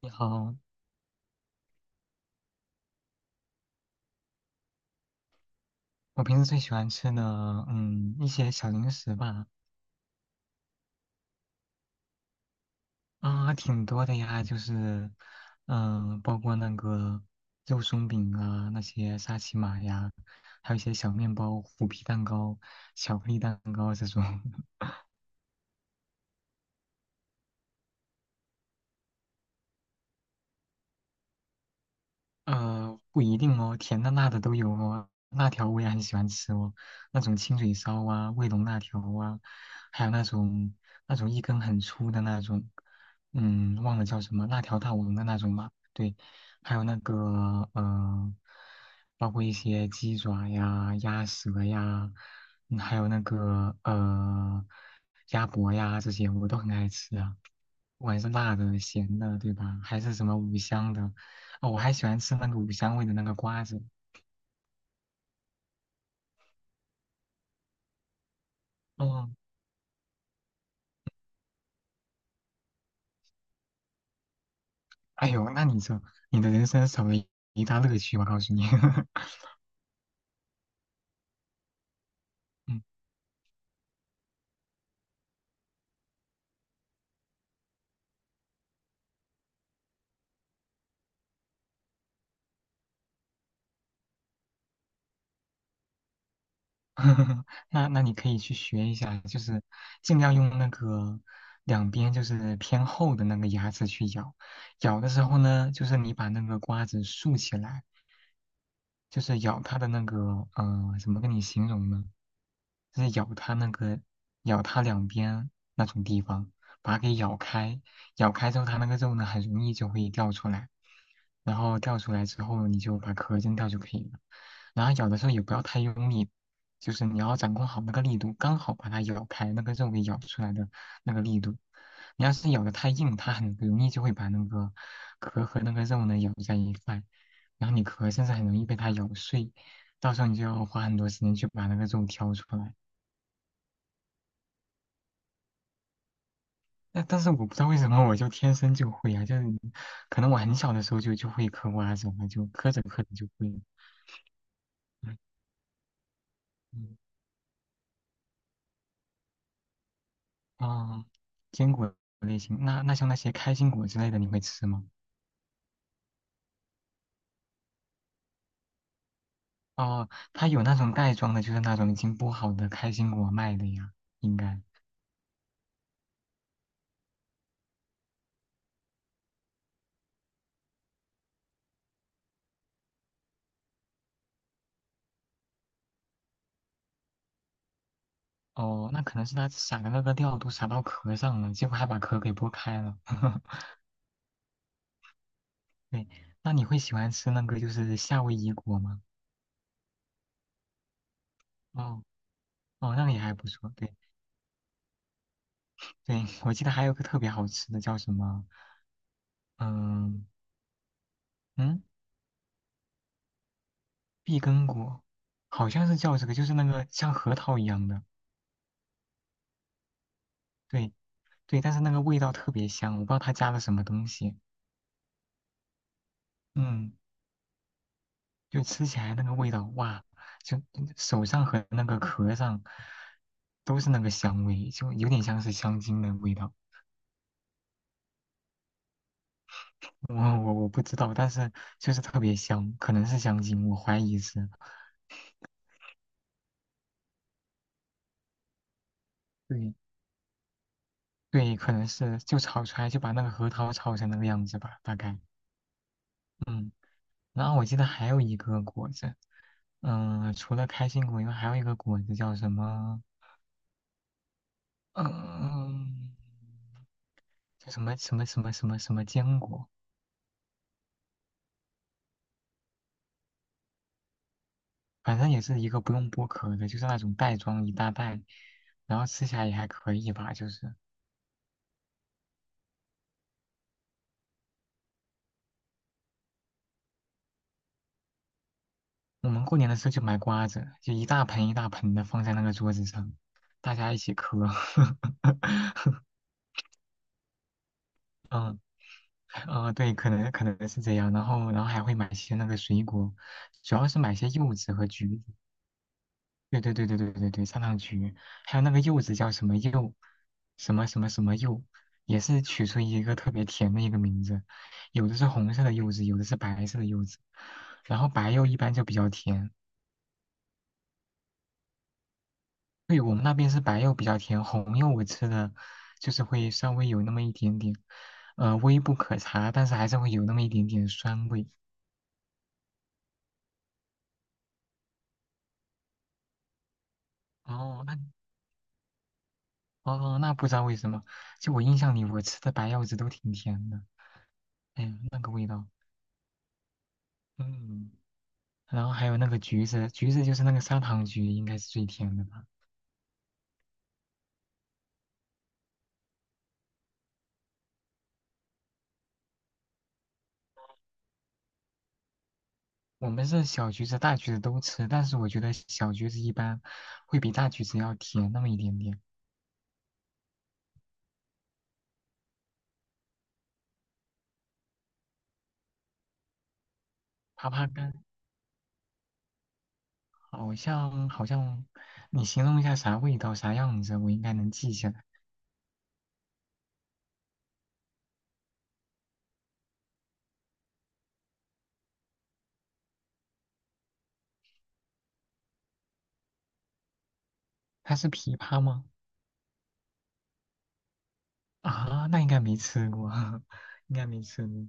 你好。我平时最喜欢吃的，一些小零食吧。啊，挺多的呀，就是，包括那个肉松饼啊，那些沙琪玛呀，还有一些小面包、虎皮蛋糕、巧克力蛋糕这种。不一定哦，甜的、辣的都有哦。辣条我也很喜欢吃哦，那种清水烧啊、卫龙辣条啊，还有那种一根很粗的那种。忘了叫什么，辣条大王的那种嘛。对，还有那个包括一些鸡爪呀、鸭舌呀，还有那个鸭脖呀这些，我都很爱吃啊。不管是辣的、咸的，对吧？还是什么五香的。哦，我还喜欢吃那个五香味的那个瓜子。哦，哎呦，那你这你的人生少了一大乐趣，我告诉你。嗯。那你可以去学一下，就是尽量用那个两边就是偏厚的那个牙齿去咬。咬的时候呢，就是你把那个瓜子竖起来，就是咬它的那个，怎么跟你形容呢？就是咬它那个，咬它两边那种地方，把它给咬开。咬开之后，它那个肉呢，很容易就会掉出来，然后掉出来之后，你就把壳扔掉就可以了。然后咬的时候也不要太用力，就是你要掌控好那个力度，刚好把它咬开，那个肉给咬出来的那个力度。你要是咬的太硬，它很容易就会把那个壳和那个肉呢咬在一块。然后你壳甚至很容易被它咬碎，到时候你就要花很多时间去把那个肉挑出来。但是我不知道为什么我就天生就会啊，就是可能我很小的时候就会嗑瓜子了，就嗑着嗑着就会了。嗯。嗯。哦，坚果类型。那像那些开心果之类的，你会吃吗？哦，它有那种袋装的，就是那种已经剥好的开心果卖的呀，应该。哦，那可能是它撒的那个料都撒到壳上了，结果还把壳给剥开了。对，那你会喜欢吃那个就是夏威夷果吗？哦哦，那也还不错。对对，我记得还有个特别好吃的叫什么？嗯嗯。碧根果，好像是叫这个，就是那个像核桃一样的。对对，但是那个味道特别香，我不知道它加了什么东西。嗯，就吃起来那个味道，哇，就手上和那个壳上都是那个香味，就有点像是香精的味道。我不知道，但是就是特别香，可能是香精，我怀疑是。对对，可能是就炒出来就把那个核桃炒成那个样子吧，大概。嗯，然后我记得还有一个果子，除了开心果以外，还有一个果子叫什么？嗯、叫什么什么什么什么什么坚果，反正也是一个不用剥壳的，就是那种袋装一大袋，然后吃起来也还可以吧，就是。我们过年的时候就买瓜子，就一大盆一大盆的放在那个桌子上，大家一起嗑。对，可能是这样。然后还会买些那个水果，主要是买些柚子和橘子。对对对对对对对，砂糖橘，还有那个柚子叫什么柚，什么什么什么柚，也是取出一个特别甜的一个名字。有的是红色的柚子，有的是白色的柚子。然后白柚一般就比较甜。对，我们那边是白柚比较甜，红柚我吃的就是会稍微有那么一点点，微不可察，但是还是会有那么一点点酸味。哦，那哦，那不知道为什么，就我印象里我吃的白柚子都挺甜的，哎呀，那个味道。嗯，然后还有那个橘子，橘子就是那个砂糖橘，应该是最甜的吧。我们是小橘子、大橘子都吃，但是我觉得小橘子一般会比大橘子要甜那么一点点。爬爬柑？好像，你形容一下啥味道啥样子，我应该能记下来。它是枇杷吗？啊，那应该没吃过，应该没吃过。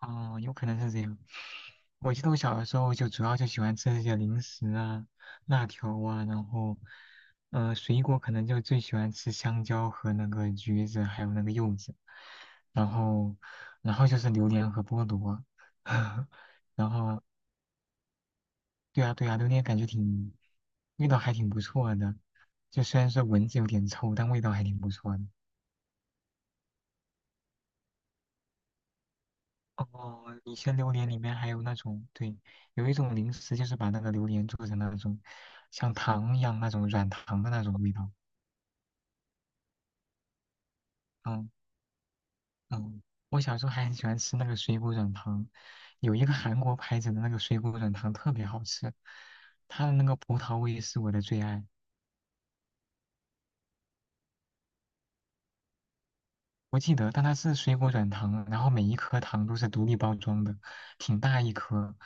哦，有可能是这样。我记得我小的时候就主要就喜欢吃这些零食啊、辣条啊，然后，水果可能就最喜欢吃香蕉和那个橘子，还有那个柚子，然后，然后就是榴莲和菠萝。然后对啊对啊，榴莲感觉挺，味道还挺不错的，就虽然说闻着有点臭，但味道还挺不错的。哦，以前榴莲里面还有那种，对，有一种零食就是把那个榴莲做成那种像糖一样那种软糖的那种味道。嗯嗯，我小时候还很喜欢吃那个水果软糖，有一个韩国牌子的那个水果软糖特别好吃，它的那个葡萄味是我的最爱。我记得，但它是水果软糖，然后每一颗糖都是独立包装的，挺大一颗。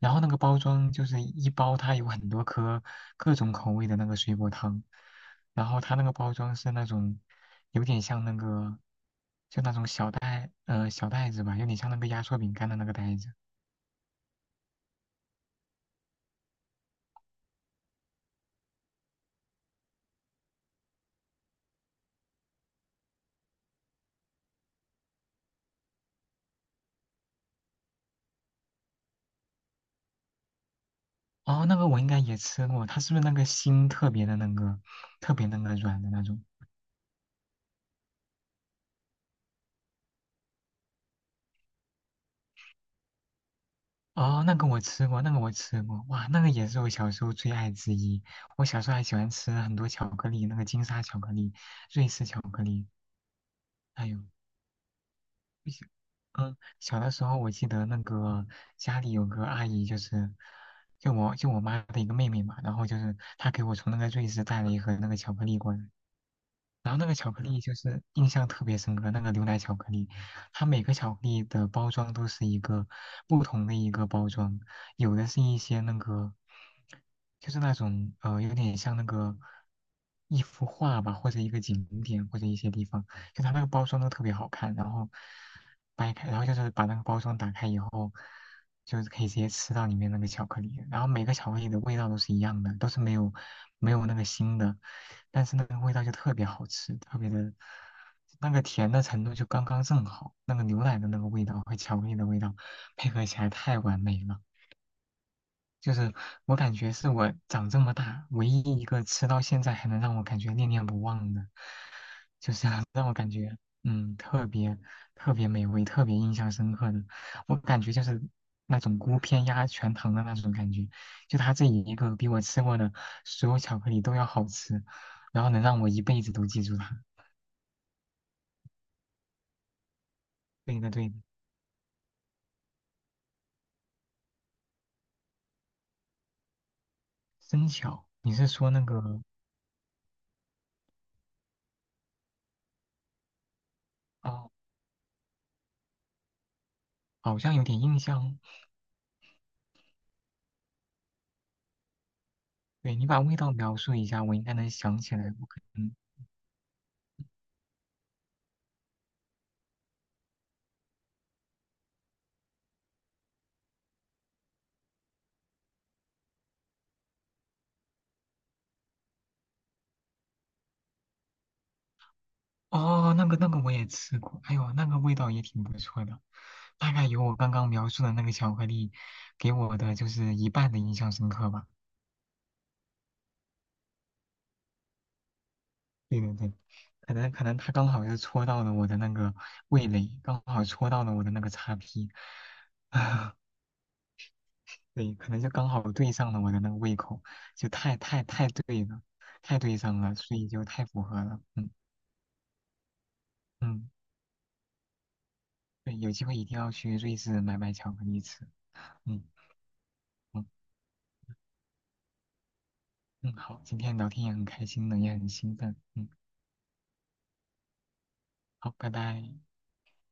然后那个包装就是一包，它有很多颗各种口味的那个水果糖。然后它那个包装是那种有点像那个，就那种小袋，小袋子吧，有点像那个压缩饼干的那个袋子。哦，那个我应该也吃过，它是不是那个心特别的那个，特别那个软的那种？哦，那个我吃过，那个我吃过，哇，那个也是我小时候最爱之一。我小时候还喜欢吃很多巧克力，那个金沙巧克力、瑞士巧克力，还有，嗯，小的时候我记得那个家里有个阿姨，就是就我妈的一个妹妹嘛，然后就是她给我从那个瑞士带了一盒那个巧克力过来，巧克力就是印象特别深刻，那个牛奶巧克力，它每个巧克力的包装都是一个不同的一个包装，有的是一些那个，就是那种有点像那个一幅画吧，或者一个景点或者一些地方，就它那个包装都特别好看，然后掰开，然后就是把那个包装打开以后。就是可以直接吃到里面那个巧克力，然后每个巧克力的味道都是一样的，都是没有那个腥的，但是那个味道就特别好吃，特别的，那个甜的程度就刚刚正好，那个牛奶的那个味道和巧克力的味道配合起来太完美了。就是我感觉是我长这么大唯一一个吃到现在还能让我感觉念念不忘的，就是让我感觉特别特别美味、特别印象深刻的。我感觉就是那种孤篇压全糖的那种感觉，就它这一个比我吃过的所有巧克力都要好吃，然后能让我一辈子都记住它。对的，对的。生巧，你是说那个。哦，好像有点印象哦。对，你把味道描述一下，我应该能想起来。我可能。哦，那个我也吃过，哎呦，那个味道也挺不错的，大概有我刚刚描述的那个巧克力给我的就是一半的印象深刻吧。对对对，可能它刚好就戳到了我的那个味蕾，刚好戳到了我的那个叉 P。啊，对，可能就刚好对上了我的那个胃口，就太太太对了，太对上了，所以就太符合了。嗯嗯，对，有机会一定要去瑞士买买巧克力吃。嗯。嗯嗯，好，今天聊天也很开心呢，也很兴奋。嗯，好，拜拜。